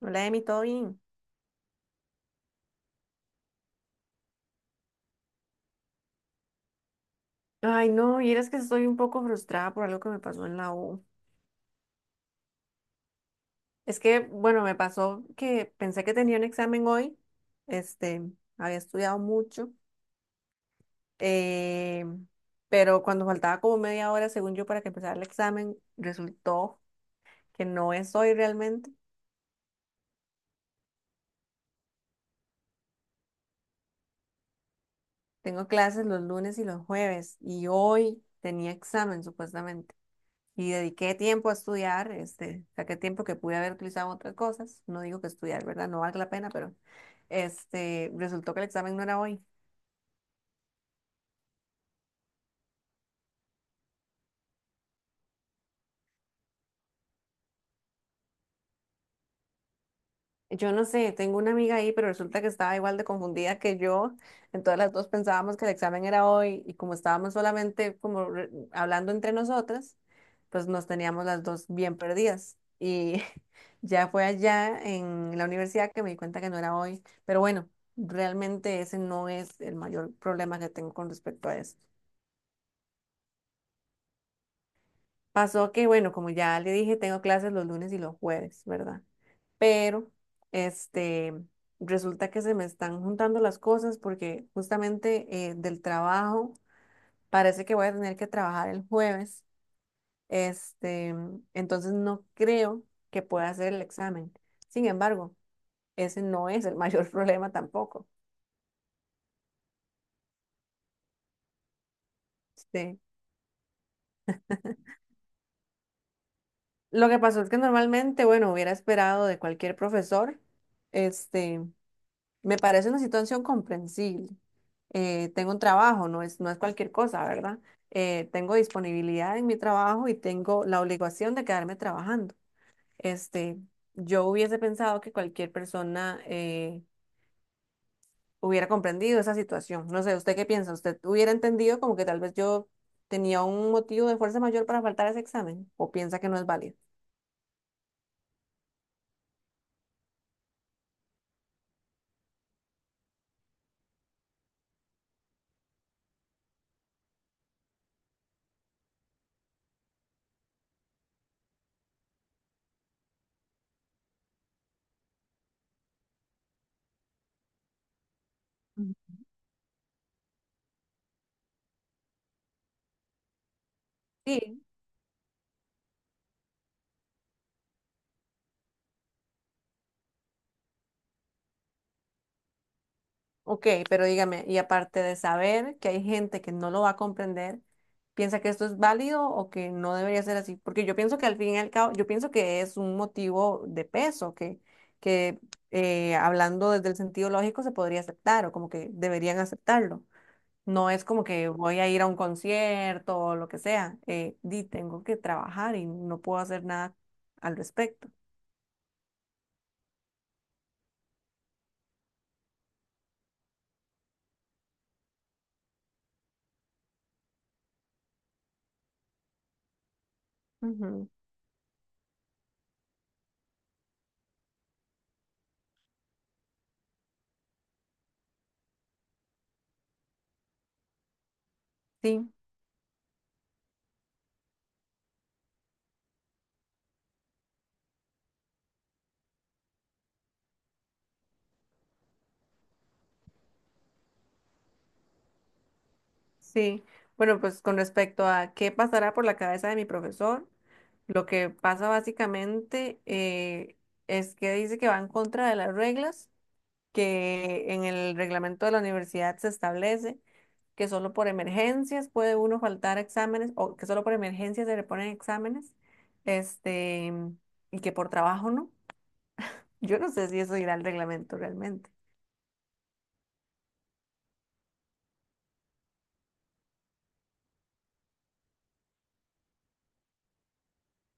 Hola, Emi, ¿todo bien? Ay, no, y eres que estoy un poco frustrada por algo que me pasó en la U. Es que, bueno, me pasó que pensé que tenía un examen hoy, este, había estudiado mucho, eh, pero cuando faltaba como media hora, según yo, para que empezara el examen, resultó que no es hoy realmente. Tengo clases los lunes y los jueves, y hoy tenía examen, supuestamente. Y dediqué tiempo a estudiar, saqué tiempo que pude haber utilizado en otras cosas. No digo que estudiar, ¿verdad? No valga la pena, pero resultó que el examen no era hoy. Yo no sé, tengo una amiga ahí, pero resulta que estaba igual de confundida que yo. Entonces las dos pensábamos que el examen era hoy y como estábamos solamente como hablando entre nosotras, pues nos teníamos las dos bien perdidas. Y ya fue allá en la universidad que me di cuenta que no era hoy. Pero bueno, realmente ese no es el mayor problema que tengo con respecto a eso. Pasó que, bueno, como ya le dije, tengo clases los lunes y los jueves, ¿verdad? Pero este, resulta que se me están juntando las cosas porque justamente del trabajo parece que voy a tener que trabajar el jueves, este, entonces no creo que pueda hacer el examen. Sin embargo, ese no es el mayor problema tampoco. Este, lo que pasó es que normalmente, bueno, hubiera esperado de cualquier profesor, este, me parece una situación comprensible. Tengo un trabajo, no es cualquier cosa, ¿verdad? Tengo disponibilidad en mi trabajo y tengo la obligación de quedarme trabajando. Este, yo hubiese pensado que cualquier persona hubiera comprendido esa situación. No sé, ¿usted qué piensa? ¿Usted hubiera entendido como que tal vez yo tenía un motivo de fuerza mayor para faltar a ese examen? ¿O piensa que no es válido? Mm. Sí. Ok, pero dígame, y aparte de saber que hay gente que no lo va a comprender, ¿piensa que esto es válido o que no debería ser así? Porque yo pienso que al fin y al cabo, yo pienso que es un motivo de peso, que hablando desde el sentido lógico se podría aceptar o como que deberían aceptarlo. No es como que voy a ir a un concierto o lo que sea. Tengo que trabajar y no puedo hacer nada al respecto. Ujú. Sí. Sí, bueno, pues con respecto a qué pasará por la cabeza de mi profesor, lo que pasa básicamente es que dice que va en contra de las reglas que en el reglamento de la universidad se establece que solo por emergencias puede uno faltar a exámenes o que solo por emergencias se reponen exámenes, este, y que por trabajo no. Yo no sé si eso irá al reglamento realmente.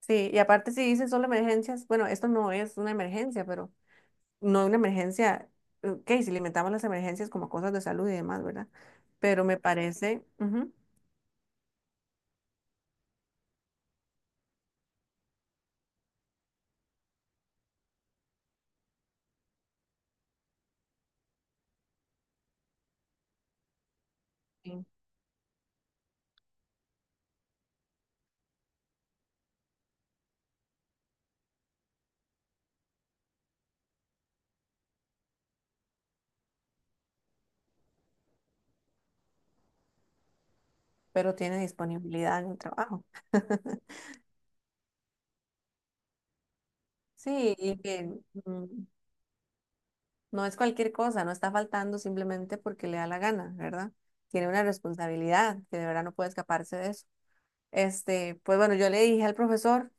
Sí, y aparte si dice solo emergencias, bueno, esto no es una emergencia, pero no una emergencia, ok, si limitamos las emergencias como cosas de salud y demás, ¿verdad? Pero me parece, ujú, sí, pero tiene disponibilidad en el trabajo. Sí, y que mm, no es cualquier cosa, no está faltando simplemente porque le da la gana, ¿verdad? Tiene una responsabilidad que de verdad no puede escaparse de eso. Pues bueno, yo le dije al profesor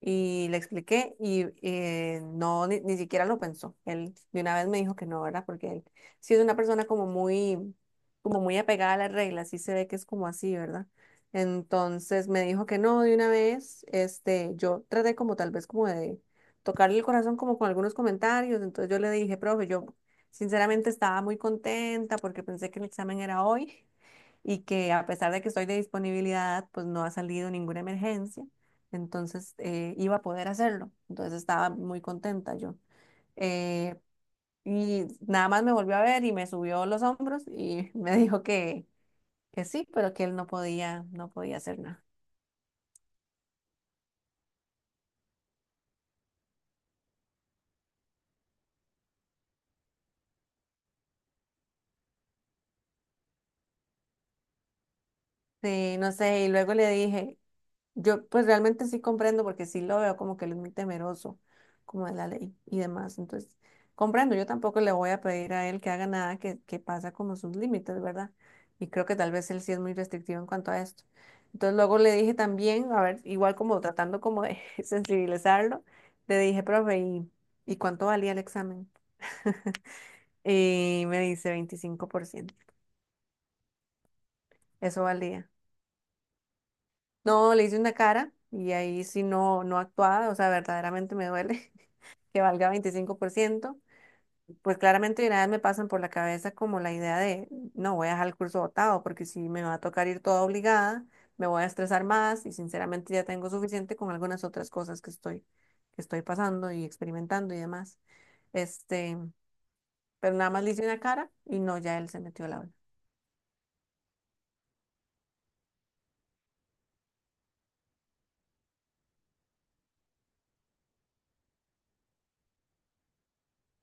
y le expliqué y no, ni siquiera lo pensó. Él de una vez me dijo que no, ¿verdad? Porque él sí es una persona como muy apegada a las reglas, sí se ve que es como así, ¿verdad? Entonces me dijo que no de una vez. Yo traté como tal vez como de tocarle el corazón como con algunos comentarios. Entonces yo le dije, profe, yo sinceramente estaba muy contenta porque pensé que el examen era hoy y que a pesar de que estoy de disponibilidad, pues no ha salido ninguna emergencia, entonces iba a poder hacerlo. Entonces estaba muy contenta yo. Eh, y nada más me volvió a ver y me subió los hombros y me dijo que sí, pero que él no podía, no podía hacer nada. Sí, no sé, y luego le dije, yo pues realmente sí comprendo porque sí lo veo como que él es muy temeroso, como de la ley y demás. Entonces, comprendo, yo tampoco le voy a pedir a él que haga nada que pasa como sus límites, ¿verdad? Y creo que tal vez él sí es muy restrictivo en cuanto a esto. Entonces, luego le dije también, a ver, igual como tratando como de sensibilizarlo, le dije, profe, ¿y cuánto valía el examen? Y me dice 25%. Eso valía. No, le hice una cara y ahí sí no, no actuaba, o sea, verdaderamente me duele que valga 25%. Pues claramente de una vez me pasan por la cabeza como la idea de, no, voy a dejar el curso botado porque si me va a tocar ir toda obligada, me voy a estresar más y sinceramente ya tengo suficiente con algunas otras cosas que estoy pasando y experimentando y demás. Este, pero nada más le hice una cara y no, ya él se metió a la aula.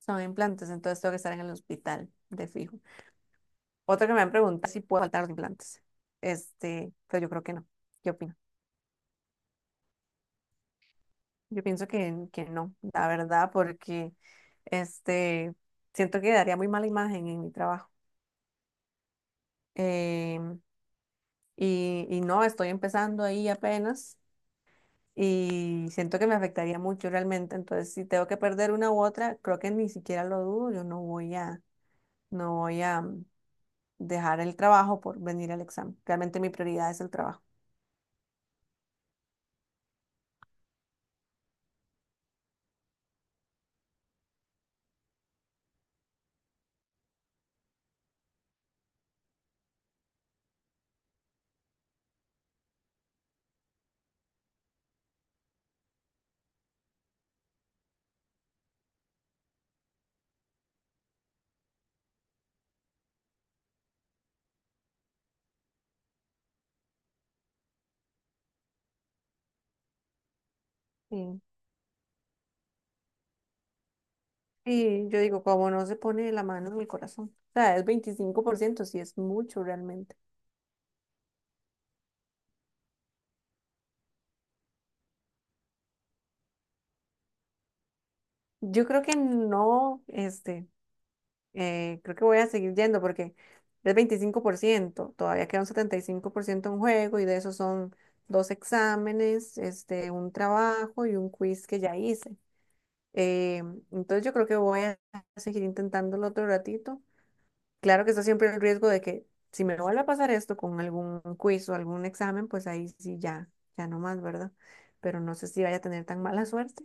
Son implantes, entonces tengo que estar en el hospital de fijo. Otra que me han preguntado si puedo faltar los implantes. Pero yo creo que no. ¿Qué opino? Yo pienso que no, la verdad, porque este, siento que daría muy mala imagen en mi trabajo. Em, y no, estoy empezando ahí apenas y siento que me afectaría mucho realmente. Entonces, si tengo que perder una u otra, creo que ni siquiera lo dudo. Yo no voy a dejar el trabajo por venir al examen. Realmente mi prioridad es el trabajo. Sí. Y yo digo, como no se pone la mano en el corazón. O sea, es 25%, sí es mucho realmente. Yo creo que no, creo que voy a seguir yendo porque es 25%, todavía queda un 75% en juego y de eso son dos exámenes, un trabajo y un quiz que ya hice. Eh, entonces yo creo que voy a seguir intentándolo otro ratito. Claro que está siempre el riesgo de que si me vuelve a pasar esto con algún quiz o algún examen, pues ahí sí ya, ya no más, ¿verdad? Pero no sé si vaya a tener tan mala suerte.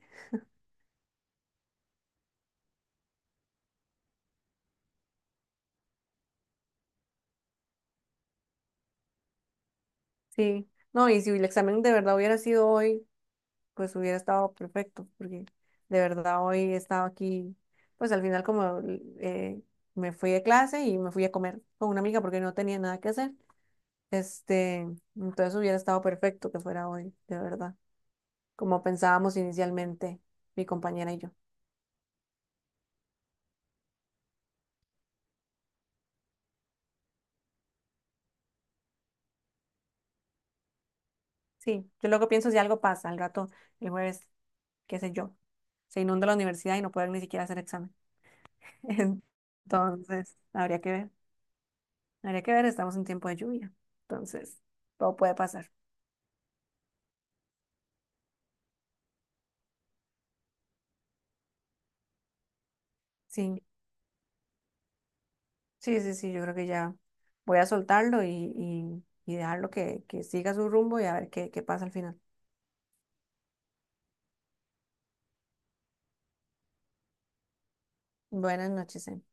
Sí, no, y si el examen de verdad hubiera sido hoy, pues hubiera estado perfecto, porque de verdad hoy he estado aquí, pues al final como eh, me fui de clase y me fui a comer con una amiga porque no tenía nada que hacer, este, entonces hubiera estado perfecto que fuera hoy, de verdad, como pensábamos inicialmente mi compañera y yo. Sí, yo luego pienso si algo pasa al rato, el jueves, qué sé yo, se inunda la universidad y no pueden ni siquiera hacer examen. Entonces, habría que ver, estamos en tiempo de lluvia. Entonces, todo puede pasar. Sí, sí, sí, sí, yo creo que ya voy a soltarlo y, y dejarlo que siga su rumbo y a ver qué pasa al final. Buenas noches, Emi.